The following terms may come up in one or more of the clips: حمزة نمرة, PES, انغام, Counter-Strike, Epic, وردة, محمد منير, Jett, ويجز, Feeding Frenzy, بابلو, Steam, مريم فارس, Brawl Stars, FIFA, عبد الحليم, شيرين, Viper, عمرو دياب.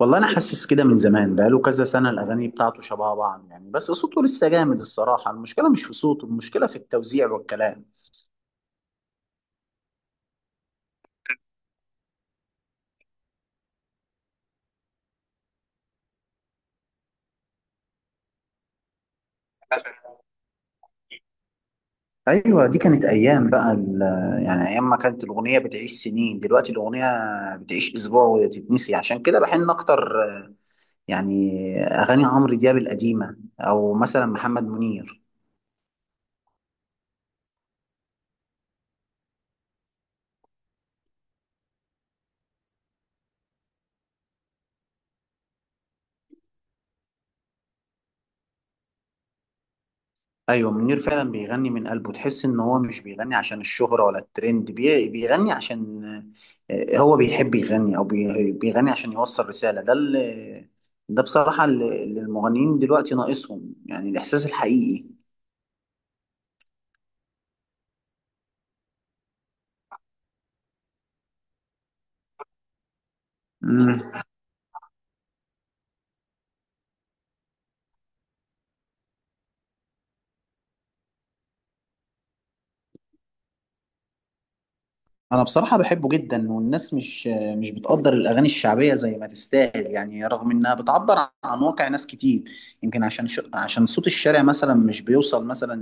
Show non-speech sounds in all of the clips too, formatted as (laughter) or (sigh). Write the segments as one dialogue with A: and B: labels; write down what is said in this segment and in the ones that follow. A: والله انا حاسس كده من زمان بقاله كذا سنه، الاغاني بتاعته شبه بعض يعني، بس صوته لسه جامد الصراحه. المشكله مش في صوته، المشكله في التوزيع والكلام. ايوه دي كانت ايام. بقى يعني ايام ما كانت الاغنيه بتعيش سنين، دلوقتي الاغنيه بتعيش اسبوع وتتنسي، عشان كده بحن اكتر. يعني اغاني عمرو دياب القديمه او مثلا محمد منير. ايوه منير فعلا بيغني من قلبه، تحس ان هو مش بيغني عشان الشهرة ولا الترند، بيغني عشان هو بيحب يغني، او بيغني عشان يوصل رسالة. ده بصراحة اللي المغنيين دلوقتي ناقصهم، يعني الاحساس الحقيقي. مم. انا بصراحة بحبه جدا، والناس مش بتقدر الاغاني الشعبية زي ما تستاهل، يعني رغم انها بتعبر عن واقع ناس كتير. يمكن عشان عشان صوت الشارع مثلا مش بيوصل مثلا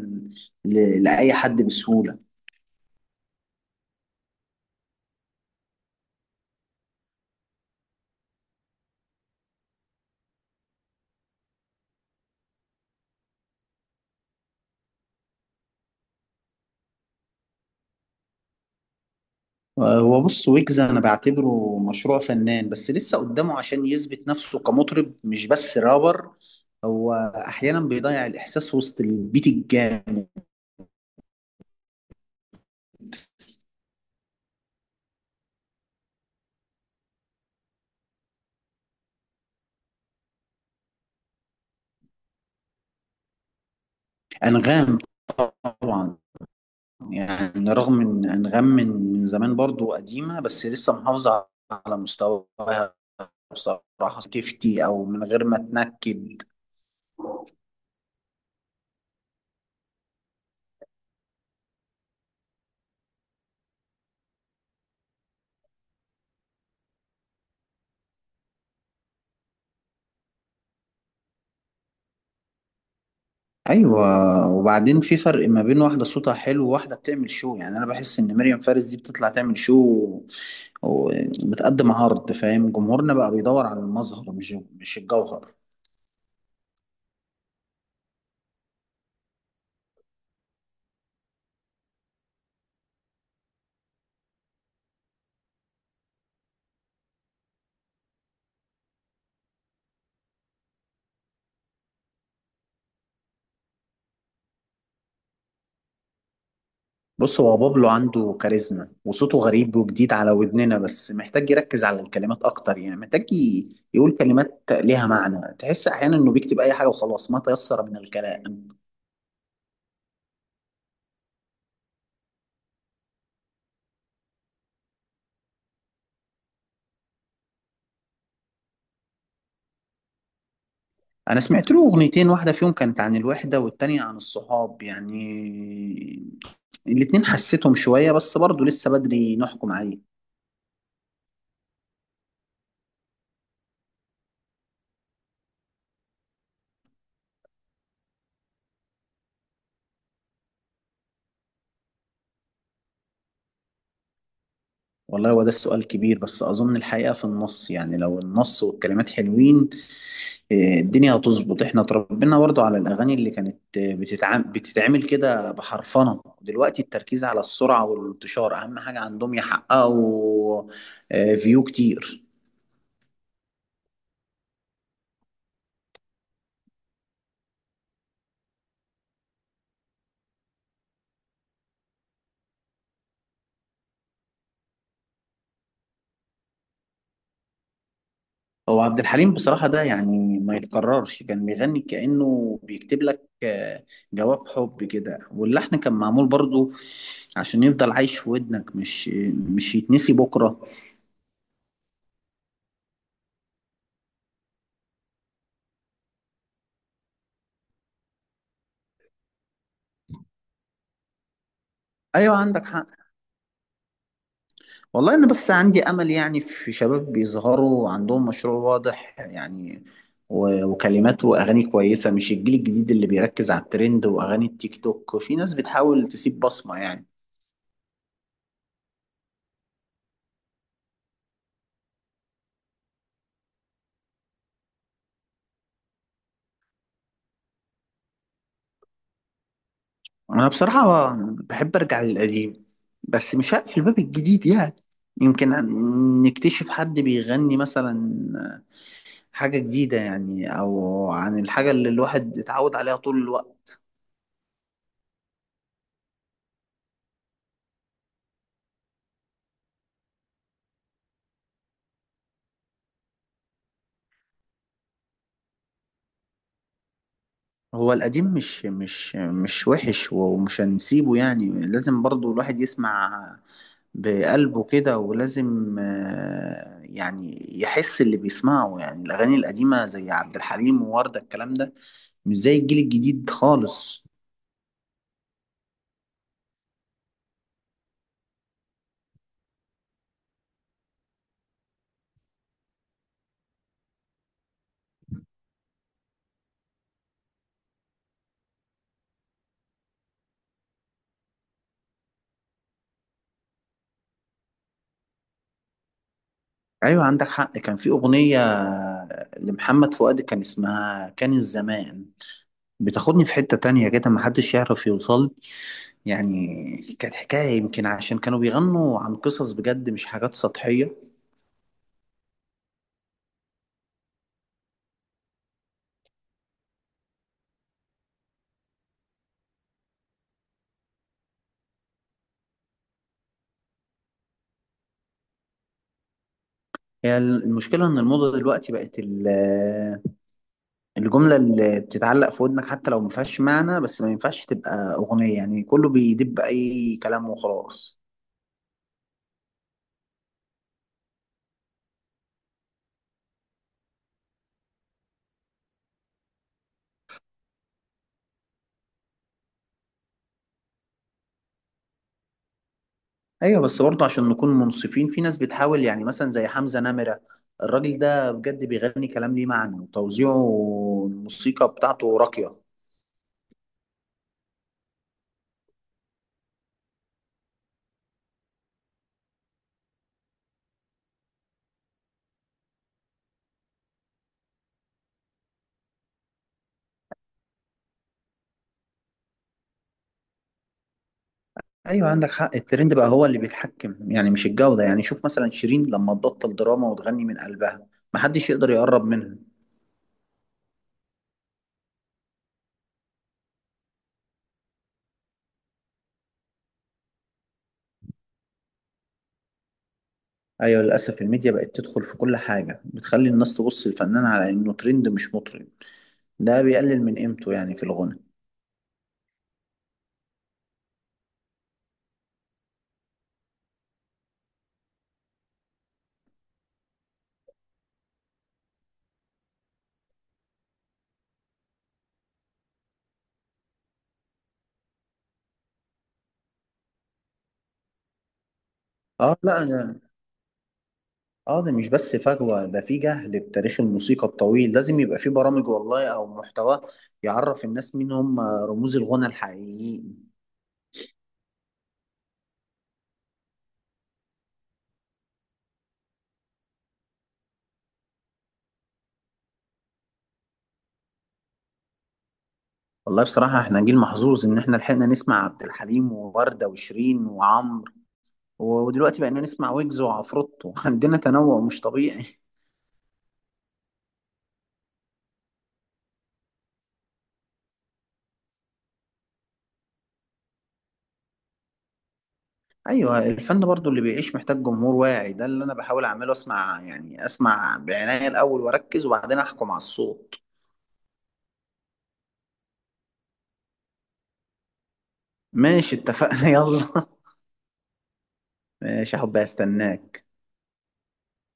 A: لأي حد بسهولة. هو بص، ويجز انا بعتبره مشروع فنان، بس لسه قدامه عشان يثبت نفسه كمطرب مش بس رابر. هو احيانا بيضيع الاحساس وسط البيت الجامد. انغام طبعا. يعني رغم ان انغام من زمان برضو قديمه، بس لسه محافظه على مستواها بصراحه، تفتي او من غير ما تنكد. ايوه، وبعدين في فرق ما بين واحده صوتها حلو وواحده بتعمل شو. يعني انا بحس ان مريم فارس دي بتطلع تعمل شو وبتقدم عرض. فاهم؟ جمهورنا بقى بيدور على المظهر، مش الجوهر. بص، هو بابلو عنده كاريزما وصوته غريب وجديد على ودننا، بس محتاج يركز على الكلمات اكتر. يعني محتاج يقول كلمات ليها معنى. تحس احيانا انه بيكتب اي حاجه وخلاص، ما تيسر من الكلام. انا سمعت له اغنيتين، واحده فيهم كانت عن الوحده والتانية عن الصحاب. يعني الاتنين حسيتهم شويه، بس برضه لسه بدري نحكم عليه. والله هو ده السؤال كبير، بس أظن الحقيقة في النص. يعني لو النص والكلمات حلوين، الدنيا هتظبط. احنا اتربينا برضو على الأغاني اللي كانت آه، بتتعام بتتعمل كده بحرفنة. دلوقتي التركيز على السرعة والانتشار أهم حاجة عندهم يحققوا فيو كتير. هو عبد الحليم بصراحة ده يعني ما يتكررش. كان بيغني كأنه بيكتب لك جواب حب كده، واللحن كان معمول برضو عشان يفضل عايش في ودنك، مش يتنسي بكرة. ايوه عندك حق. والله انا بس عندي امل يعني في شباب بيظهروا عندهم مشروع واضح، يعني وكلمات واغاني كويسه، مش الجيل الجديد اللي بيركز على الترند واغاني التيك توك. في ناس بتحاول تسيب بصمه يعني. انا بصراحه بحب ارجع للقديم، بس مش هقفل باب الجديد. يعني يمكن نكتشف حد بيغني مثلا حاجه جديده، يعني او عن الحاجه اللي الواحد اتعود عليها طول الوقت. هو القديم مش وحش ومش هنسيبه. يعني لازم برضو الواحد يسمع بقلبه كده، ولازم يعني يحس اللي بيسمعه. يعني الأغاني القديمة زي عبد الحليم ووردة، الكلام ده مش زي الجيل الجديد خالص. أيوة عندك حق. كان في أغنية لمحمد فؤاد كان اسمها كان الزمان، بتاخدني في حتة تانية كده محدش يعرف يوصل. يعني كانت حكاية، يمكن عشان كانوا بيغنوا عن قصص بجد، مش حاجات سطحية. هي المشكلة إن الموضة دلوقتي بقت الجملة اللي بتتعلق في ودنك حتى لو ما فيهاش معنى. بس ما ينفعش تبقى أغنية. يعني كله بيدب أي كلام وخلاص. أيوة بس برضه عشان نكون منصفين، في ناس بتحاول يعني مثلا زي حمزة نمرة. الراجل ده بجد بيغني كلام ليه معنى، وتوزيعه الموسيقى بتاعته راقية. ايوه عندك حق. الترند بقى هو اللي بيتحكم، يعني مش الجودة. يعني شوف مثلا شيرين لما تبطل دراما وتغني من قلبها، محدش يقدر يقرب منها. ايوه للاسف الميديا بقت تدخل في كل حاجة، بتخلي الناس تبص للفنان على انه ترند مش مطرب. ده بيقلل من قيمته يعني في الغنى. اه لا. ده مش بس فجوة، ده في جهل بتاريخ الموسيقى الطويل. لازم يبقى في برامج والله او محتوى يعرف الناس مين هم رموز الغنى الحقيقيين. والله بصراحة احنا جيل محظوظ ان احنا لحقنا نسمع عبد الحليم ووردة وشيرين وعمرو، ودلوقتي بقينا نسمع ويجز وعفروتو (laughs) عندنا تنوع مش طبيعي. ايوه، الفن برضو اللي بيعيش محتاج جمهور واعي. ده اللي انا بحاول اعمله، اسمع يعني اسمع بعناية الاول واركز، وبعدين احكم على الصوت. ماشي اتفقنا (laughs) يلا. ماشي يا حبي، هستناك.